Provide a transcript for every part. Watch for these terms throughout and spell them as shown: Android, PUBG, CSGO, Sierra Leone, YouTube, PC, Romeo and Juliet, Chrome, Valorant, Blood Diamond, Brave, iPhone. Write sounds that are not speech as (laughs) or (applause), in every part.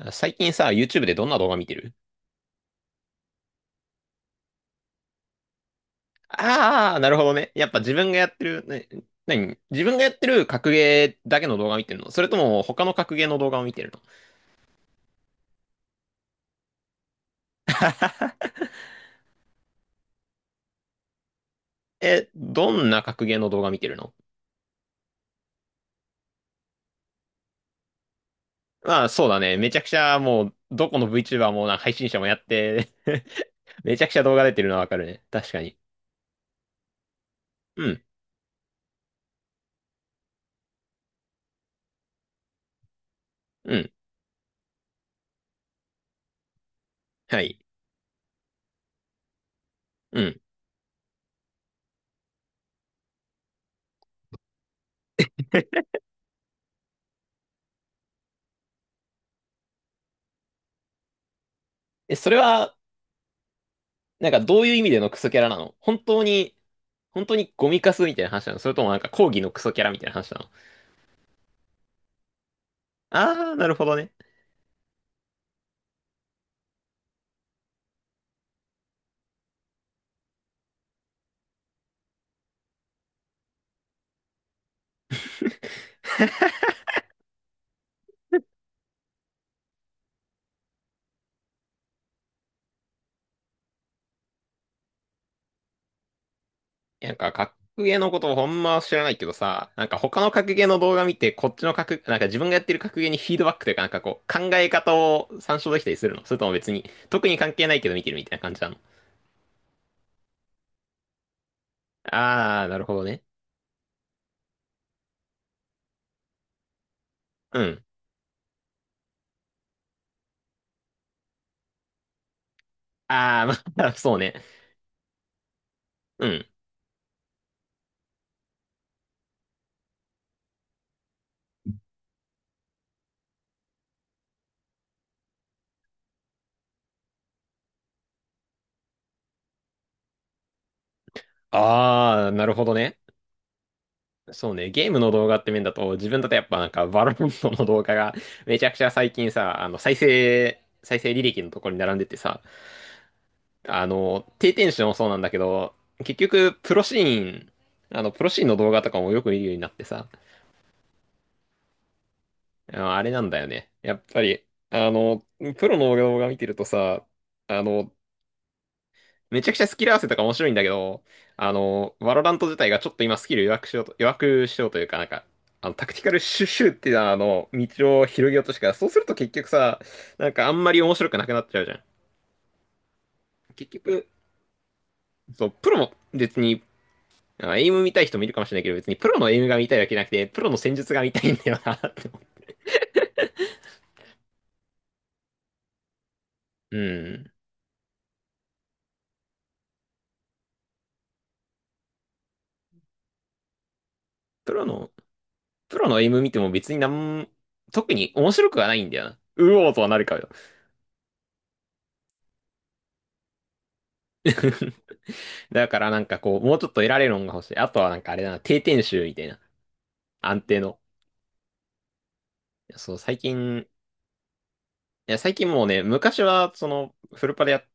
最近さ、YouTube でどんな動画見てる？ああー、なるほどね。やっぱ自分がやってる、ね、何自分がやってる格ゲーだけの動画見てるの？それとも他の格ゲーの動画を見てるの？え、どんな格ゲーの動画見てるの？まあそうだね。めちゃくちゃもう、どこの VTuber もな配信者もやって (laughs) めちゃくちゃ動画出てるのはわかるね。確かに。うん、うん、はい、うん。え、それは、なんかどういう意味でのクソキャラなの？本当に、本当にゴミカスみたいな話なの？それともなんか講義のクソキャラみたいな話なの？あー、なるほどね。なんか、格ゲーのことをほんま知らないけどさ、なんか他の格ゲーの動画見て、こっちの格、なんか自分がやってる格ゲーにフィードバックというか、なんかこう、考え方を参照できたりするの？それとも別に、特に関係ないけど見てるみたいな感じなの？あー、なるほどね。うん。あー、まあ、(laughs) そうね。うん。あー、なるほどね。そうね、ゲームの動画って面だと、自分だとやっぱなんか、バロモントの動画が、めちゃくちゃ最近さ、再生、再生履歴のところに並んでてさ、低テンションもそうなんだけど、結局、プロシーン、プロシーンの動画とかもよく見るようになってさ、ああれなんだよね。やっぱり、あの、プロの動画見てるとさ、あの、めちゃくちゃスキル合わせとか面白いんだけど、ワロラント自体がちょっと今スキル弱くしようというか、なんか、タクティカルシュッシュっていう道を広げようとしてから、そうすると結局さ、なんかあんまり面白くなくなっちゃうじゃん。結局、そう、プロも別にまあエイム見たい人もいるかもしれないけど、別にプロのエイムが見たいわけじゃなくて、プロの戦術が見たいんだよなって思う。うん。プロの、プロのエイム見ても別になん、特に面白くはないんだよな。うおーとはなるかよ。(laughs) だからなんかこう、もうちょっと得られるのが欲しい。あとはなんかあれだな、定点集みたいな。安定の。いやそう、最近、いや、最近もうね、昔はその、フルパでやっ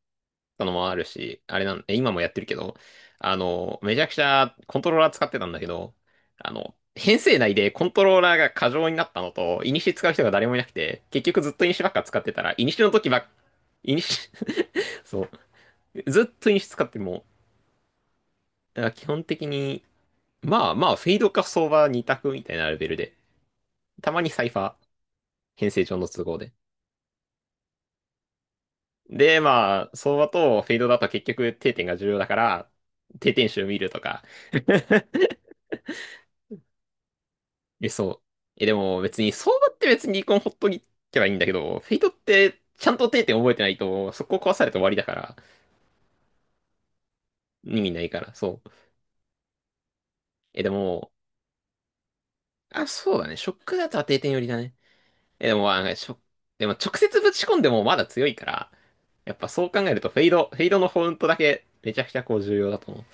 たのもあるし、あれなん、え今もやってるけど、めちゃくちゃコントローラー使ってたんだけど、編成内でコントローラーが過剰になったのと、イニシ使う人が誰もいなくて、結局ずっとイニシばっか使ってたら、イニシの時ばっ、イニシ (laughs) そう、ずっとイニシ使っても、だから基本的に、フェイドか相場二択みたいなレベルで、たまにサイファー、編成上の都合で。で、まあ、相場とフェイドだと結局定点が重要だから、定点集見るとか。 (laughs) え、そう。え、でも別に、相場って別に離婚ほっとけばいいんだけど、フェイトってちゃんと定点覚えてないと、そこ壊されて終わりだから、意味ないから、そう。え、でも、あ、そうだね。ショックだとは定点寄りだね。え、でも、でも直接ぶち込んでもまだ強いから、やっぱそう考えるとフェイドのフォントだけめちゃくちゃこう重要だと思う。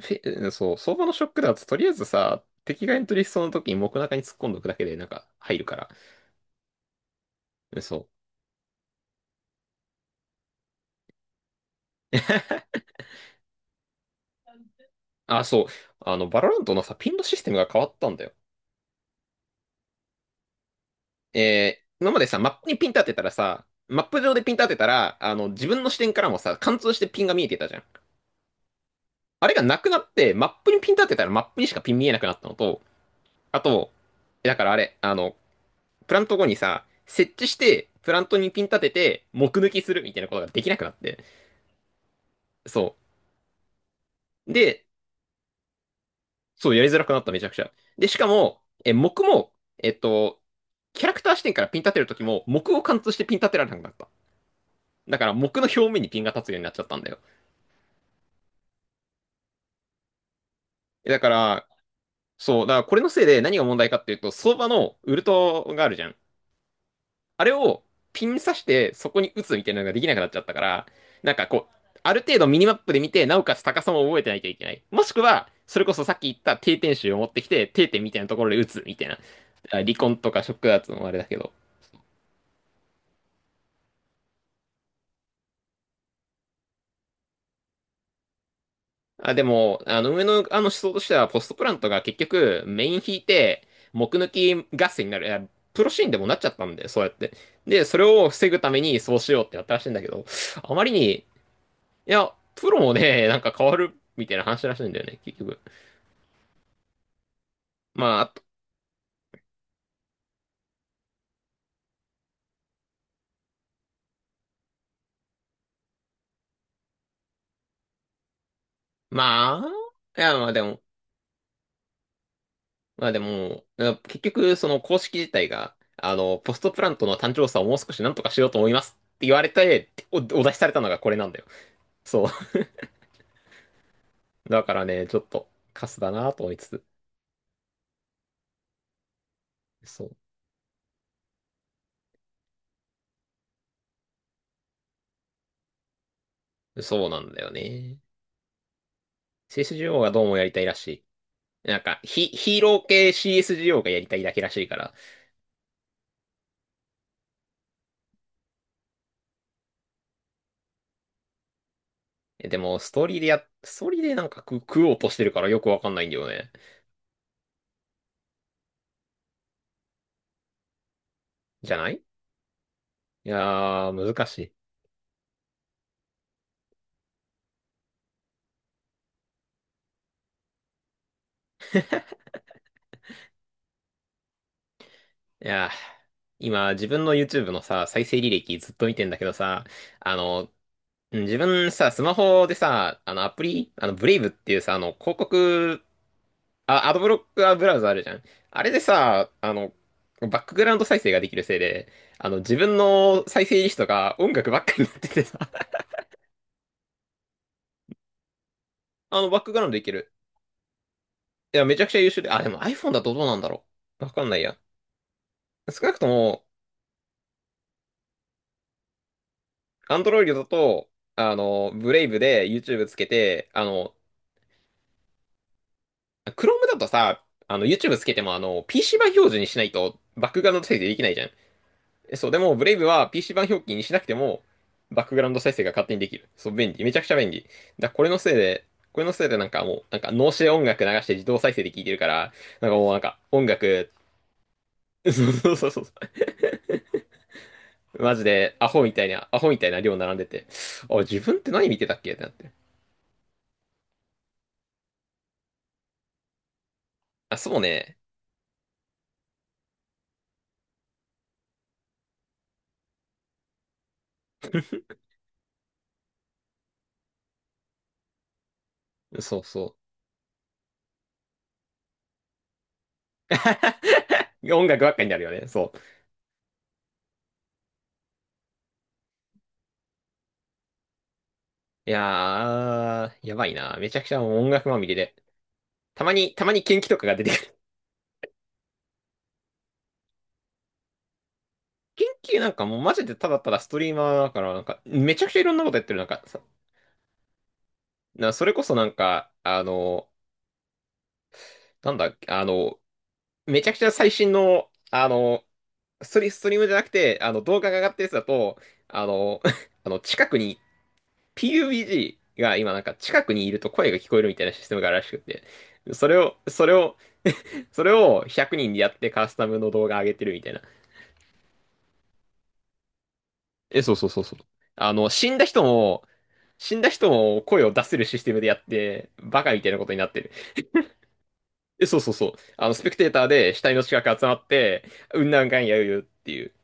うんそう、相場のショックだととりあえずさ、敵がエントリーしそうな時に木中に突っ込んどくだけでなんか入るから、うんそう。(laughs) あ、そう。あの、バロラントのさ、ピンのシステムが変わったんだよ。えー、今までさ、マップにピン立てたらさ、マップ上でピン立てたら、自分の視点からもさ、貫通してピンが見えてたじゃん。あれがなくなって、マップにピン立てたらマップにしかピン見えなくなったのと、あと、だからあれ、プラント後にさ、設置して、プラントにピン立てて、目抜きするみたいなことができなくなって。そう。で、そう、やりづらくなった、めちゃくちゃ。で、しかも、え、目も、えっと、キャラクター視点からピン立てるときも、目を貫通してピン立てられなくなった。だから、目の表面にピンが立つようになっちゃったんだよ。えだから、そう、だからこれのせいで何が問題かっていうと、相場のウルトがあるじゃん。あれをピン刺して、そこに打つみたいなのができなくなっちゃったから、なんかこう、ある程度ミニマップで見て、なおかつ高さも覚えてないといけない。もしくは、それこそさっき言った定点集を持ってきて、定点みたいなところで打つみたいな。あ離婚とかショックダーツのあれだけど。あ、でも、上の思想としては、ポストプラントが結局、メイン引いて、木抜き合戦になる、いやプロシーンでもなっちゃったんで、そうやって。で、それを防ぐためにそうしようってやったらしいんだけど、あまりに、いや、プロもね、なんか変わるみたいな話らしいんだよね、結局。まあ、あとまあ、いや、まあでも、まあでも、あ結局、その公式自体が、ポストプラントの単調さをもう少しなんとかしようと思いますって言われて、お出しされたのがこれなんだよ。そう。だからね、ちょっとカスだなと思いつつ。そう。そうなんだよね。CSGO がどうもやりたいらしい。なんか、ヒーロー系 CSGO がやりたいだけらしいから。えでも、ストーリーでや、ストーリーでなんか食おうとしてるからよくわかんないんだよね。じゃないいやー、難しい。いやー、今、自分の YouTube のさ、再生履歴ずっと見てんだけどさ、あの、うん自分さ、スマホでさ、あのアプリ、あの、ブレイブっていうさ、あの、広告、あ、アドブロックはブラウザあるじゃん。あれでさ、バックグラウンド再生ができるせいで、自分の再生リストが音楽ばっかりになっててさ、(laughs) あの、バックグラウンドできる。いや、めちゃくちゃ優秀で、あ、でも iPhone だとどうなんだろう。わかんないや。少なくとも、Android だと、ブレイブで YouTube つけて、あの、Chrome だとさ、YouTube つけても、PC 版表示にしないと、バックグラウンド再生できないじゃん。えそう、でも、ブレイブは PC 版表記にしなくても、バックグラウンド再生が勝手にできる。そう、便利。めちゃくちゃ便利。だからこれのせいで、これのせいでなんかもう、なんか脳死で音楽流して自動再生で聴いてるから、なんかもうなんか音楽、(laughs) そうそうそうそう。マジで、アホみたいな量並んでて、あ、自分って何見てたっけってなって。あ、そうね。そうそう。(laughs) 音楽ばっかになるよね。そう。いやー、やばいな。めちゃくちゃもう音楽まみれで。たまに元気とかが出て元気なんかもうマジでただただストリーマーだから、なんか、めちゃくちゃいろんなことやってる。それこそなんか、あの、なんだっけ、あの、めちゃくちゃ最新の、あの、ストリームじゃなくて、あの、動画が上がったやつだと、あの、(laughs) あの、近くに、PUBG が今なんか近くにいると声が聞こえるみたいなシステムがあるらしくて、それを、それを、それを100人でやってカスタムの動画上げてるみたいな。え、そうそうそうそう。あの、死んだ人も、死んだ人も声を出せるシステムでやって、バカみたいなことになってる。え、そうそうそう。あの、スペクテーターで死体の近く集まって、うんなんかんやうよっていう。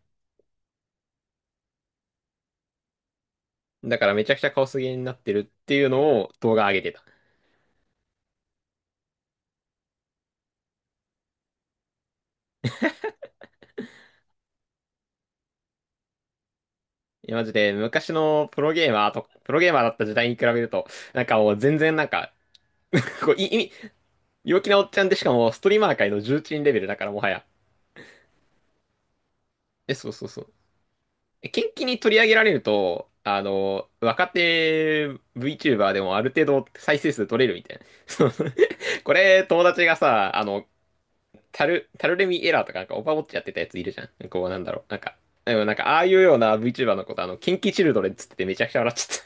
だからめちゃくちゃカオスゲーになってるっていうのを動画上げてた。いや、マジで昔のプロゲーマーと、プロゲーマーだった時代に比べると、なんかもう全然なんか、こう、い、意味、陽気なおっちゃんでしかもストリーマー界の重鎮レベルだからもはや。え、そうそうそう。近畿に取り上げられると、あの、若手 VTuber でもある程度再生数取れるみたいな。そう (laughs) これ、友達がさ、あの、タルレミエラーとか、なんかオパウォッチやってたやついるじゃん。こう、なんだろう。なんか、でもなんか、ああいうような VTuber のこと、あの、近畿チルドレンっつっててめちゃくちゃ笑っちゃ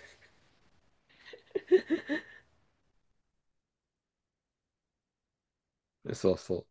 った。(laughs) そうそう。